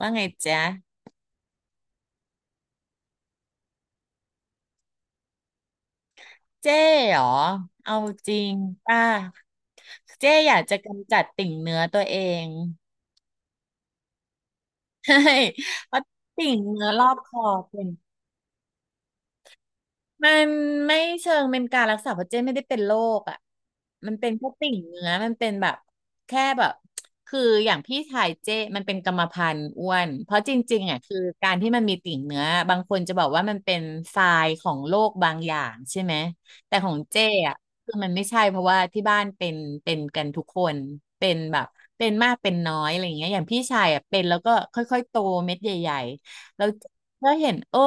ว่าไงจ๊ะเจ๊เหรอเอาจริงป่ะเจ๊อยากจะกำจัดติ่งเนื้อตัวเอง ใช่เพราะติ่งเนื้อรอบคอเป็น มันไม่เชิงเป็นการรักษาเพราะเจ้ไม่ได้เป็นโรคอ่ะมันเป็นแค่ติ่งเนื้อมันเป็นแบบแค่แบบคืออย่างพี่ชายเจ้มันเป็นกรรมพันธุ์อ้วนเพราะจริงๆอ่ะคือการที่มันมีติ่งเนื้อบางคนจะบอกว่ามันเป็นทรายของโรคบางอย่างใช่ไหมแต่ของเจ้อ่ะคือมันไม่ใช่เพราะว่าที่บ้านเป็นเป็นกันทุกคนเป็นแบบเป็นมากเป็นน้อยอะไรอย่างเงี้ยอย่างพี่ชายอ่ะเป็นแล้วก็ค่อยๆโตเม็ดใหญ่ๆแล้วก็เห็นโอ้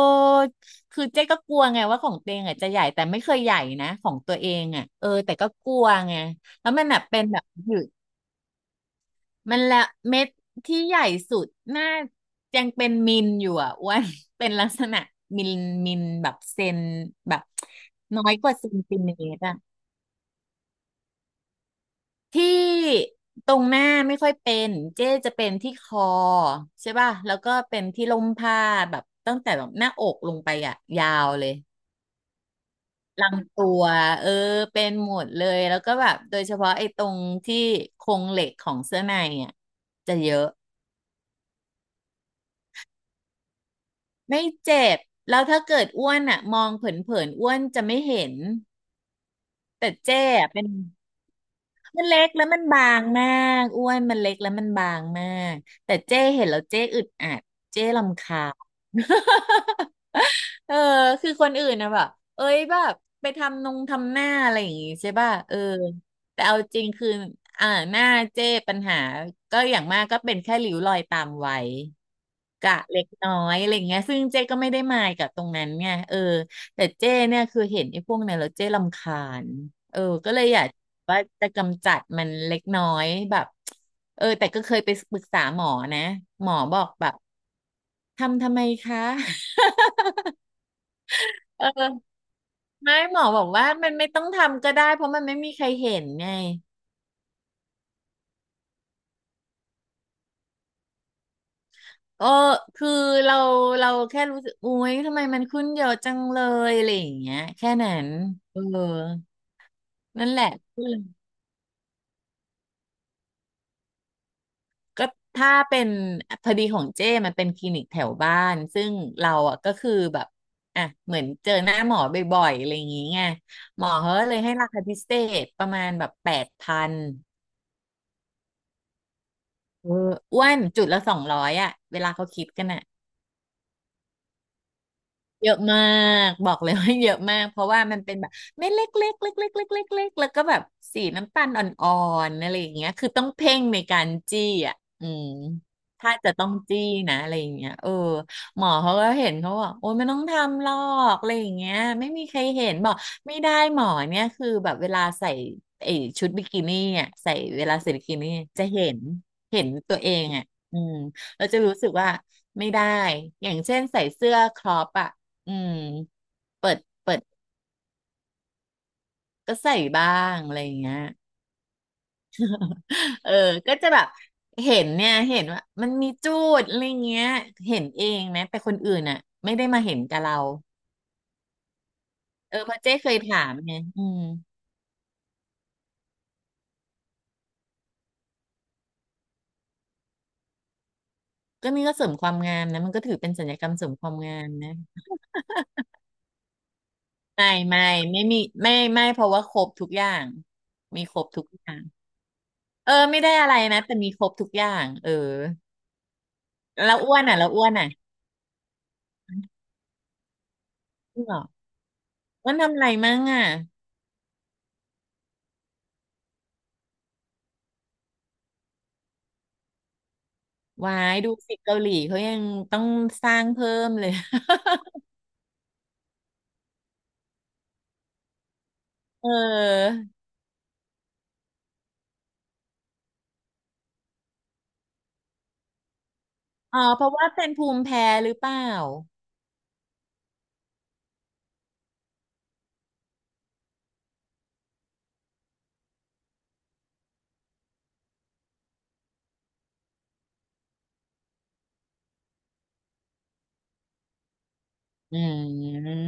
คือเจ๊ก็กลัวไงว่าของตัวเองอ่ะจะใหญ่แต่ไม่เคยใหญ่นะของตัวเองอ่ะเออแต่ก็กลัวไงแล้วมันแบบเป็นแบบอยู่มันละเม็ดที่ใหญ่สุดน่ายังเป็นมิลอยู่อ่ะอ้วน เป็นลักษณะมิลมิลแบบเซนแบบน้อยกว่าเซนติเมตรอ่ะที่ตรงหน้าไม่ค่อยเป็นเจ๊จะเป็นที่คอใช่ป่ะแล้วก็เป็นที่ลมผ้าแบบตั้งแต่แบบหน้าอกลงไปอ่ะยาวเลย ลำตัวเออเป็นหมดเลยแล้วก็แบบโดยเฉพาะไอ้ตรงที่โครงเหล็กของเสื้อในอ่ะจะเยอะไม่เจ็บแล้วถ้าเกิดอ้วนอ่ะมองเผินๆอ้วนจะไม่เห็นแต่เจ๊อะเป็น มันเล็กแล้วมันบางมากอ้วนมันเล็กแล้วมันบางมาก แต่เจ้เห็นแล้วเจ้อึดอัดเจ้รำคาญ เออคือคนอื่นนะแบบเอ้ยแบบไปทำนงทำหน้าอะไรอย่างงี้ใช่ป่ะเออแต่เอาจริงคืออ่าหน้าเจ้ปัญหาก็อย่างมากก็เป็นแค่ริ้วรอยตามไว้กะเล็กน้อยอะไรอย่างเงี้ยซึ่งเจ้ก็ไม่ได้มายกับตรงนั้นไงเออแต่เจ้เนี่ยคือเห็นไอ้พวกนั้นแล้วเจ้รำคาญเออก็เลยอยาก ว่าจะกำจัดมันเล็กน้อยแบบเออแต่ก็เคยไปปรึกษาหมอนะหมอบอกแบบทำทำไมคะ เออไม่หมอบอกว่ามันไม่ต้องทำก็ได้เพราะมันไม่มีใครเห็นไงเออคือเราเราแค่รู้สึกอุ๊ยทำไมมันขึ้นเยอะจังเลยอะไรอย่างเงี้ยแค่นั้นเออนั่นแหละ ก็ถ้าเป็นพอดีของเจ้มันเป็นคลินิกแถวบ้านซึ่งเราอ่ะก็คือแบบอ่ะเหมือนเจอหน้าหมอบ่อยๆอะไรอย่างงี้ไงหมอเขาก็เลยให้ราคาพิเศษประมาณแบบ8,000เอออ้วนจุดละ200อ่ะเวลาเขาคิดกันอ่ะ เยอะมากบอกเลย ว่าเยอะมากเพราะว่ามันเป็นแบบเม็ดเล็กๆเล็กเล็กเล็กๆเล็กๆเล็กเแล้วก็แบบสีน้ำตาลอ่อนๆอะไรอย่างเงี้ยคือต้องเพ่งในการจี้อ่ะอืมถ้าจะต้องจี้นะอะไรอย่างเงี้ยเออหมอเขาก็เห็นเขาบอกโอ้ยไม่ต้องทำหรอกอะไรอย่างเงี้ยไม่มีใครเห็นบอกไม่ได้หมอเนี่ยคือแบบเวลาใส่ไอ้ชุดบิกินี่อ่ะใส่เวลาใส่บิกินี่จะเห็นเห็นตัวเองอ่ะอืมเราจะรู้สึกว่าไม่ได้อย่างเช่นใส่เสื้อครอปอะ อืมเปิดเปิดก็ใส่บ้างอะไรอย่างเงี้ย เออก็จะแบบเห็นเนี่ยเห็นว่ามันมีจูดอะไรเงี้ยเห็นเองนะแต่คนอื่นอ่ะไม่ได้มาเห็นกับเราเออเพราะเจ๊เคยถามไงอืมก็นี่ก็เสริมความงามนะมันก็ถือเป็นสัญญกรรมเสริมความงามนะไม่ไม่ไม่มีไม่ไม่เพราะว่าครบทุกอย่างมีครบทุกอย่างเออไม่ได้อะไรนะแต่มีครบทุกอย่างเออแล้วอ้วนอ่ะแล้วอ้วนอ่ะจริงเหรออ้วนทำอะไรมั่งอ่ะ วายดูสิเกาหลีเขายังต้องสร้างเพิ่มเลย เอออ๋อเพราะว่าเป็นภูมิแพ้หรือเปล่าอืม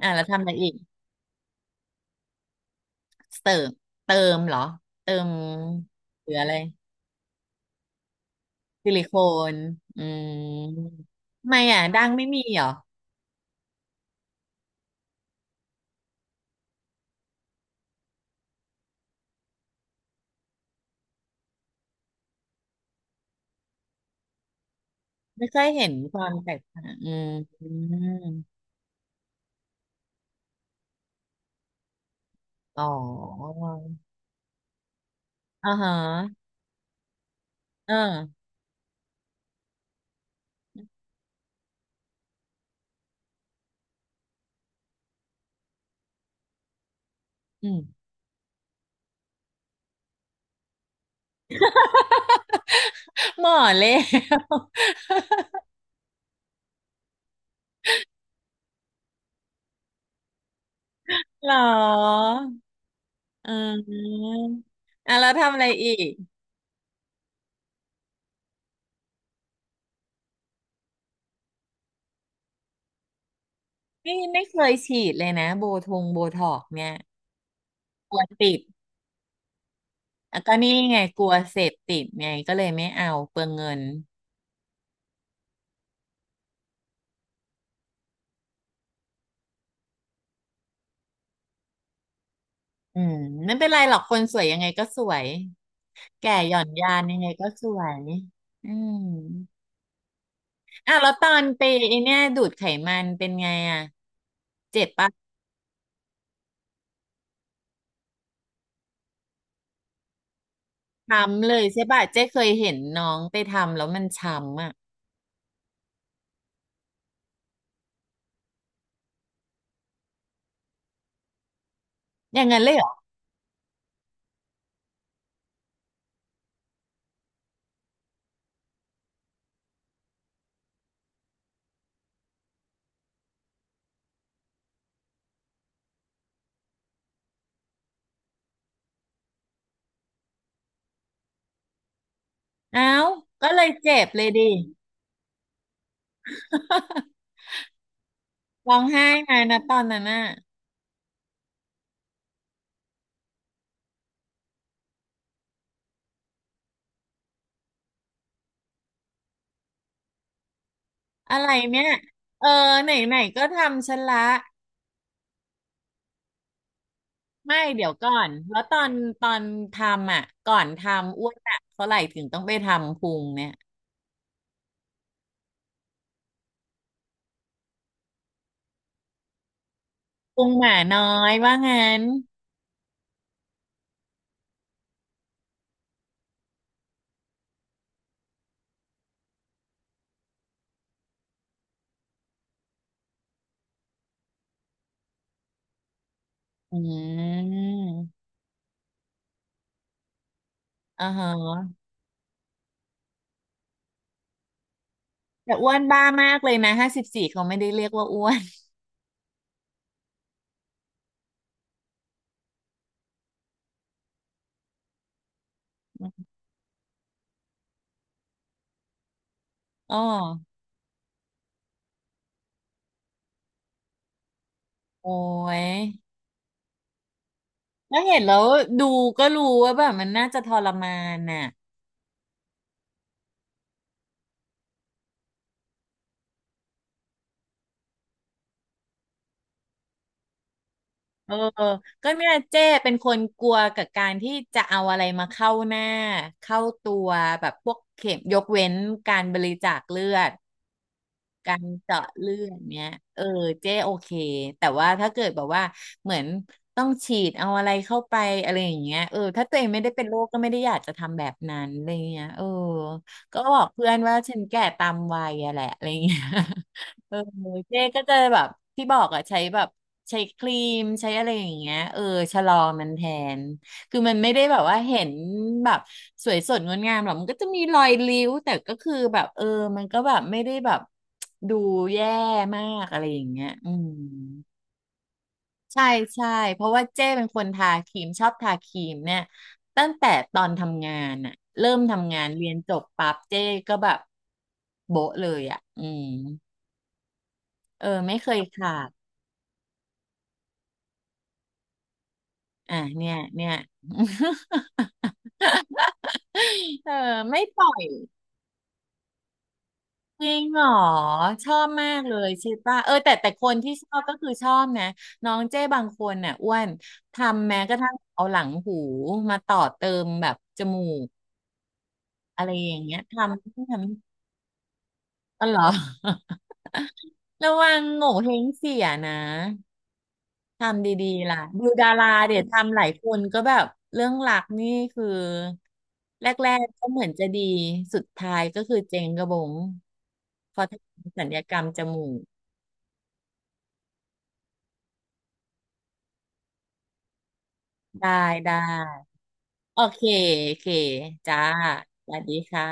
อ่ะแล้วทำอะไรอีกเติมเติมเหรอเติมหรืออะไรซิลิโคนอืมทำไมอ่ะดังไม่มีเหรอไม่เคยเห็นความแตกต่างอืมอมอ๋ออ่าฮะเอออืม หมอเลย เหรอ อ่าอ่ะแล้วทำอะไรอีกนี่ไม่เคยฉีดเลยนะโบทงโบท็อกเนี่ยกลัวติดอ่ะก็นี่ไงกลัวเสพติดไงก็เลยไม่เอาเปลืองเงินอืมไม่เป็นไรหรอกคนสวยยังไงก็สวยแก่หย่อนยานยังไงก็สวยอืมอ่ะแล้วตอนไปไอเนี่ยดูดไขมันเป็นไงอ่ะเจ็บปะช้ำเลยใช่ปะเจ๊เคยเห็นน้องไปทำแล้วมันช้ำอ่ะอย่างนั้นเลยเหรออ้าวก็เลยเจ็บเลยดิ ร้องไห้ไงนะตอนนั้นน่ะอะไรเนี่ยเออไหนไหนก็ทำฉันละไม่เดี๋ยวก่อนแล้วตอนทำอ่ะก่อนทำอ้วนอ่ะเท่าไหร่ถึงต้องไปทำพุงเนี่ยพุงหมาน้อยว่างั้นอืมอ่าฮะแต่อ้วนบ้ามากเลยนะ54เขาไม่ได้เรียกว่าอ้วน อ๋อโอ้ยแล้วเห็นแล้วดูก็รู้ว่าแบบมันน่าจะทรมานน่ะ เออก็เนี่ยเจ้เป็นคนกลัวกับการที่จะเอาอะไรมาเข้าหน้าเข้าตัวแบบพวกเข็มยกเว้นการบริจาคเลือด การเจาะเลือดเนี้ยเออเจ๊โอเคแต่ว่าถ้าเกิดแบบว่าเหมือนต้องฉีดเอาอะไรเข้าไปอะไรอย่างเงี้ยเออถ้าตัวเองไม่ได้เป็นโรคก็ไม่ได้อยากจะทำแบบนั้นอะไรเงี้ยเออก็บอกเพื่อนว่าฉันแก่ตามวัยอะแหละอะไรเงี้ย เออเจ๊ก็จะแบบที่บอกอะใช้แบบใช้ครีมใช้อะไรอย่างเงี้ยเออชะลอมันแทน คือมันไม่ได้แบบว่าเห็นแบบสวยสดงดงามหรอกมันก็จะมีรอยริ้วแต่ก็คือแบบเออมันก็แบบไม่ได้แบบดูแย่มากอะไรอย่างเงี้ยอืมใช่ใช่เพราะว่าเจ้เป็นคนทาครีมชอบทาครีมเนี่ยตั้งแต่ตอนทำงานอะเริ่มทำงานเรียนจบปั๊บเจ้ก็แบบโบ๊ะเลยอะอืมเออไม่เคยขาดอ่ะเนี่ยเนี่ย เออไม่ปล่อย จริงเหรอชอบมากเลยใชิป่ะเออแต่คนที่ชอบก็คือชอบนะน้องเจ้บางคนน่ะอ้วนทำแม้กระทั่งเอาหลังหูมาต่อเติมแบบจมูกอะไรอย่างเงี้ยทำตลอดรอ ระวังโง่เฮงเสียนะทำดีๆล่ะดูดาราเดี๋ยวทำหลายคนก็แบบเรื่องหลักนี่คือแรกๆก็เหมือนจะดีสุดท้ายก็คือเจ๊งกระบงเพอทำศัลยกรรมจมูกได้ได้ โอเค โอเค จ้า สวัสดีค่ะ